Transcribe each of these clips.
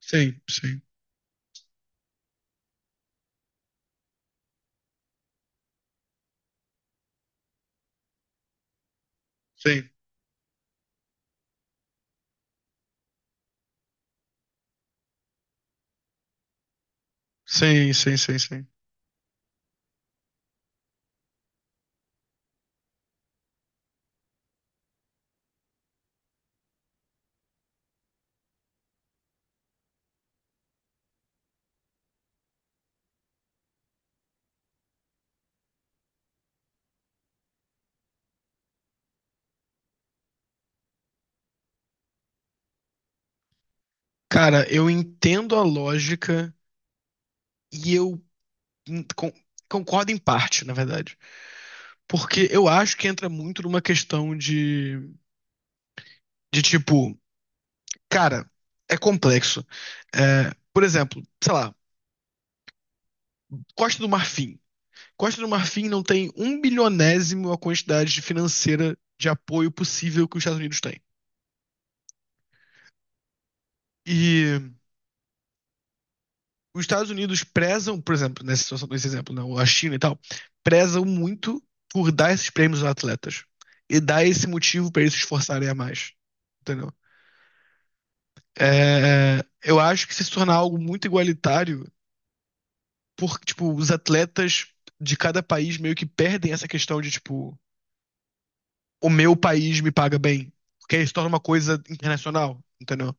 Sim, sim, sim, sim. Cara, eu entendo a lógica e eu hum, con- concordo em parte, na verdade. Porque eu acho que entra muito numa questão de, tipo, cara, é complexo. É, por exemplo, sei lá, Costa do Marfim. Costa do Marfim não tem um bilionésimo a quantidade de financeira de apoio possível que os Estados Unidos têm. E os Estados Unidos prezam, por exemplo, nessa situação, nesse exemplo, não, a China e tal, prezam muito por dar esses prêmios aos atletas e dar esse motivo para eles se esforçarem a mais, entendeu? Eu acho que se tornar algo muito igualitário, porque, tipo, os atletas de cada país meio que perdem essa questão de, tipo, o meu país me paga bem, porque aí se torna uma coisa internacional, entendeu?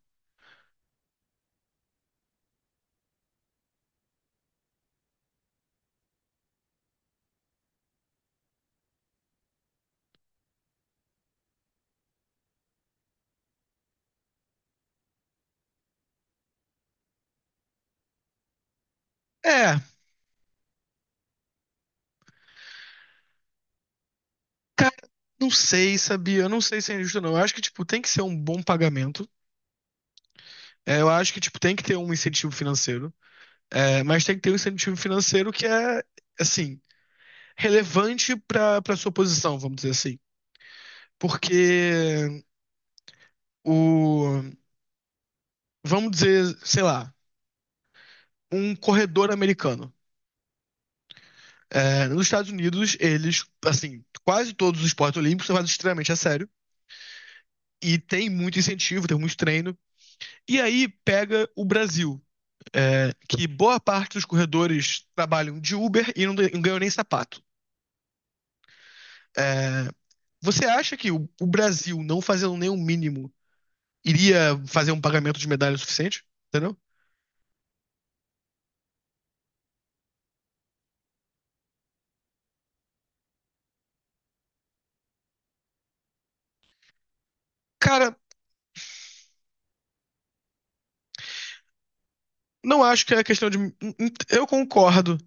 É, cara, não sei, sabia? Eu não sei se é injusto, não. Eu acho que, tipo, tem que ser um bom pagamento. É, eu acho que, tipo, tem que ter um incentivo financeiro, é, mas tem que ter um incentivo financeiro que é, assim, relevante para sua posição, vamos dizer assim. Porque o, vamos dizer, sei lá, um corredor americano. É, nos Estados Unidos, eles, assim, quase todos os esportes olímpicos são levados extremamente a sério. E tem muito incentivo, tem muito treino. E aí pega o Brasil, é, que boa parte dos corredores trabalham de Uber e não ganham nem sapato. É, você acha que o Brasil, não fazendo nem o mínimo, iria fazer um pagamento de medalha suficiente? Entendeu? Cara, não acho que é questão de. Eu concordo.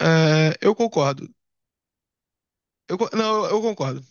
É, eu concordo. Eu con- não, eu concordo.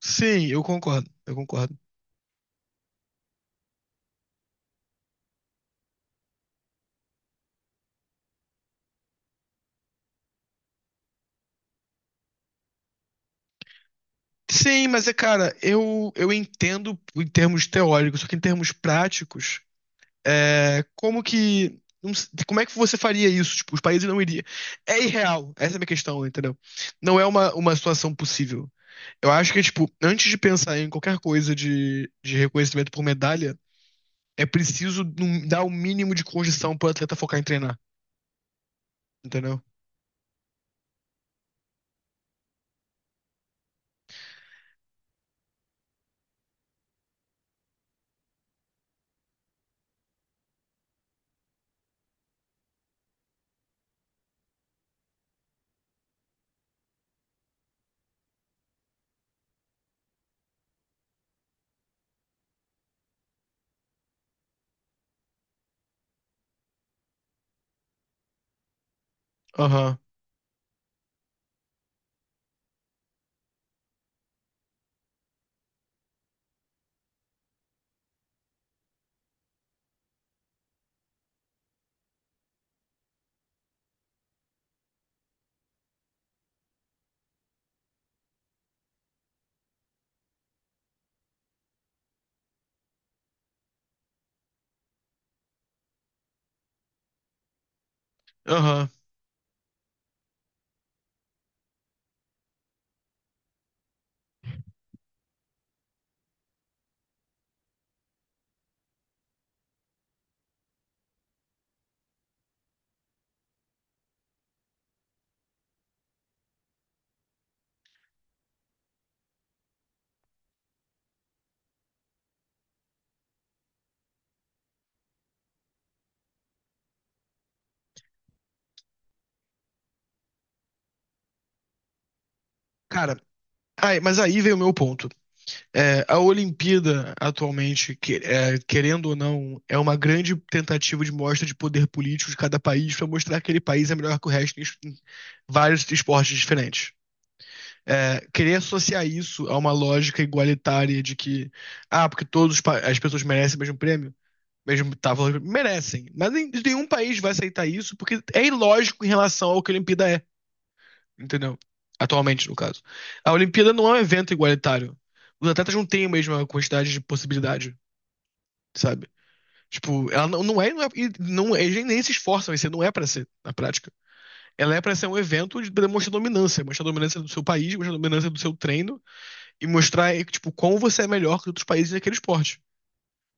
Sim, eu concordo. Eu concordo. Sim, mas é, cara, eu entendo em termos teóricos, só que em termos práticos, é, como que. Não s- Como é que você faria isso? Tipo, os países não iriam. É irreal, essa é a minha questão, entendeu? Não é uma situação possível. Eu acho que, tipo, antes de pensar em qualquer coisa de reconhecimento por medalha, é preciso dar o mínimo de condição pro atleta focar em treinar, entendeu? Aham, aham. Cara, aí, mas aí vem o meu ponto. É, a Olimpíada, atualmente, é, querendo ou não, é uma grande tentativa de mostra de poder político de cada país pra mostrar que aquele país é melhor que o resto em vários esportes diferentes. É, querer associar isso a uma lógica igualitária de que, ah, porque todos as pessoas merecem o mesmo prêmio. Mesmo tábuas merecem. Mas nenhum país vai aceitar isso porque é ilógico em relação ao que a Olimpíada é, entendeu? Atualmente, no caso. A Olimpíada não é um evento igualitário. Os atletas não têm a mesma quantidade de possibilidade, sabe? Tipo, ela não, não é, não é, e não, é, eles nem se esforçam em ser, não é pra ser, na prática. Ela é pra ser um evento de demonstrar dominância, mostrar a dominância do seu país, mostrar a dominância do seu treino e mostrar, tipo, como você é melhor que outros países naquele esporte.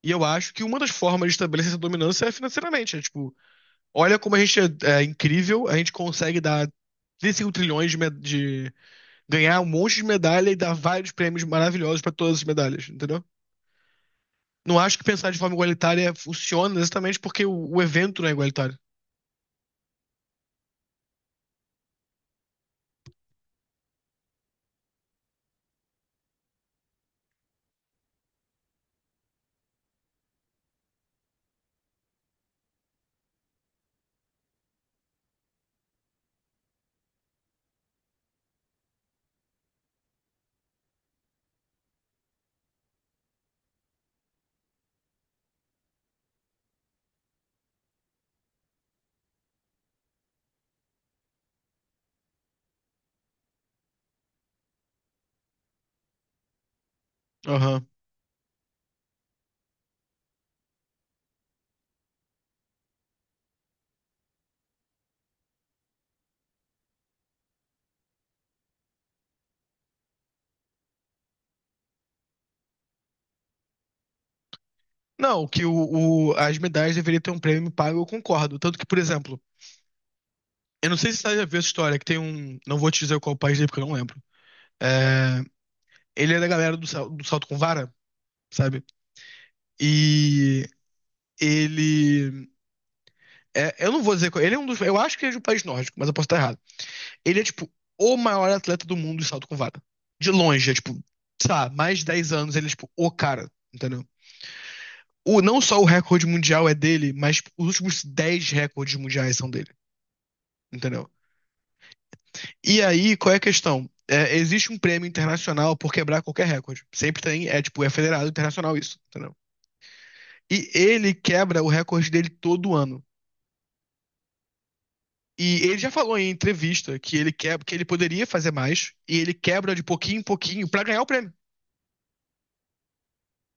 E eu acho que uma das formas de estabelecer essa dominância é financeiramente, é tipo, olha como a gente é incrível, a gente consegue dar 35 trilhões de ganhar um monte de medalha e dar vários prêmios maravilhosos pra todas as medalhas, entendeu? Não acho que pensar de forma igualitária funciona exatamente porque o evento não é igualitário. Aham. Não, que as medalhas deveriam ter um prêmio pago, eu concordo. Tanto que, por exemplo, eu não sei se você já viu essa história, que tem um. Não vou te dizer qual país é, porque eu não lembro. É, ele é da galera do, do salto com vara, sabe? E ele É, eu não vou dizer. Ele é um dos. Eu acho que ele é de um país nórdico, mas eu posso estar errado. Ele é, tipo, o maior atleta do mundo de salto com vara. De longe, é, tipo, sabe? Mais de 10 anos ele é, tipo, o cara, entendeu? O, não só o recorde mundial é dele, mas tipo, os últimos 10 recordes mundiais são dele, entendeu? E aí, qual é a questão? É, existe um prêmio internacional por quebrar qualquer recorde. Sempre tem, é, tipo, é federado internacional isso, entendeu? E ele quebra o recorde dele todo ano. E ele já falou em entrevista que ele quer, que ele poderia fazer mais e ele quebra de pouquinho em pouquinho pra ganhar o prêmio,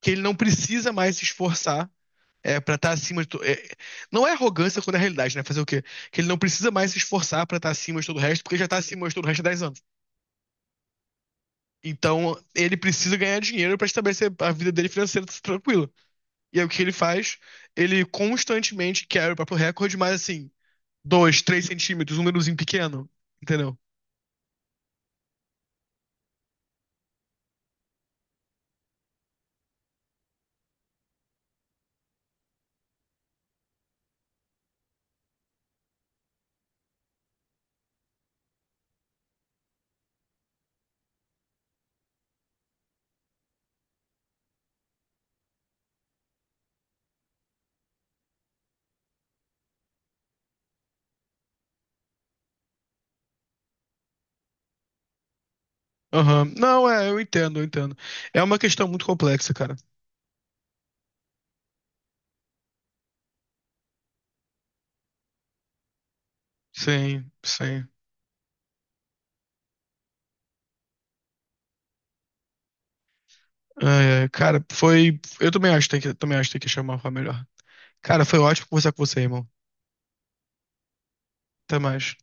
que ele não precisa mais se esforçar é, para estar acima de to... é, não é arrogância quando é realidade, né? Fazer o quê? Que ele não precisa mais se esforçar para estar acima de todo o resto, porque já está acima de todo o resto há 10 anos. Então, ele precisa ganhar dinheiro para estabelecer a vida dele financeira tranquila. E aí o que ele faz? Ele constantemente quebra o próprio recorde, mas assim, 2, 3 centímetros, um númerozinho pequeno, entendeu? Aham. Não, é, eu entendo, eu entendo. É uma questão muito complexa, cara. Sim, sim. É, é, cara, foi. Eu também acho que tem que, também acho que tem que chamar uma melhor. Cara, foi ótimo conversar com você, irmão. Até mais.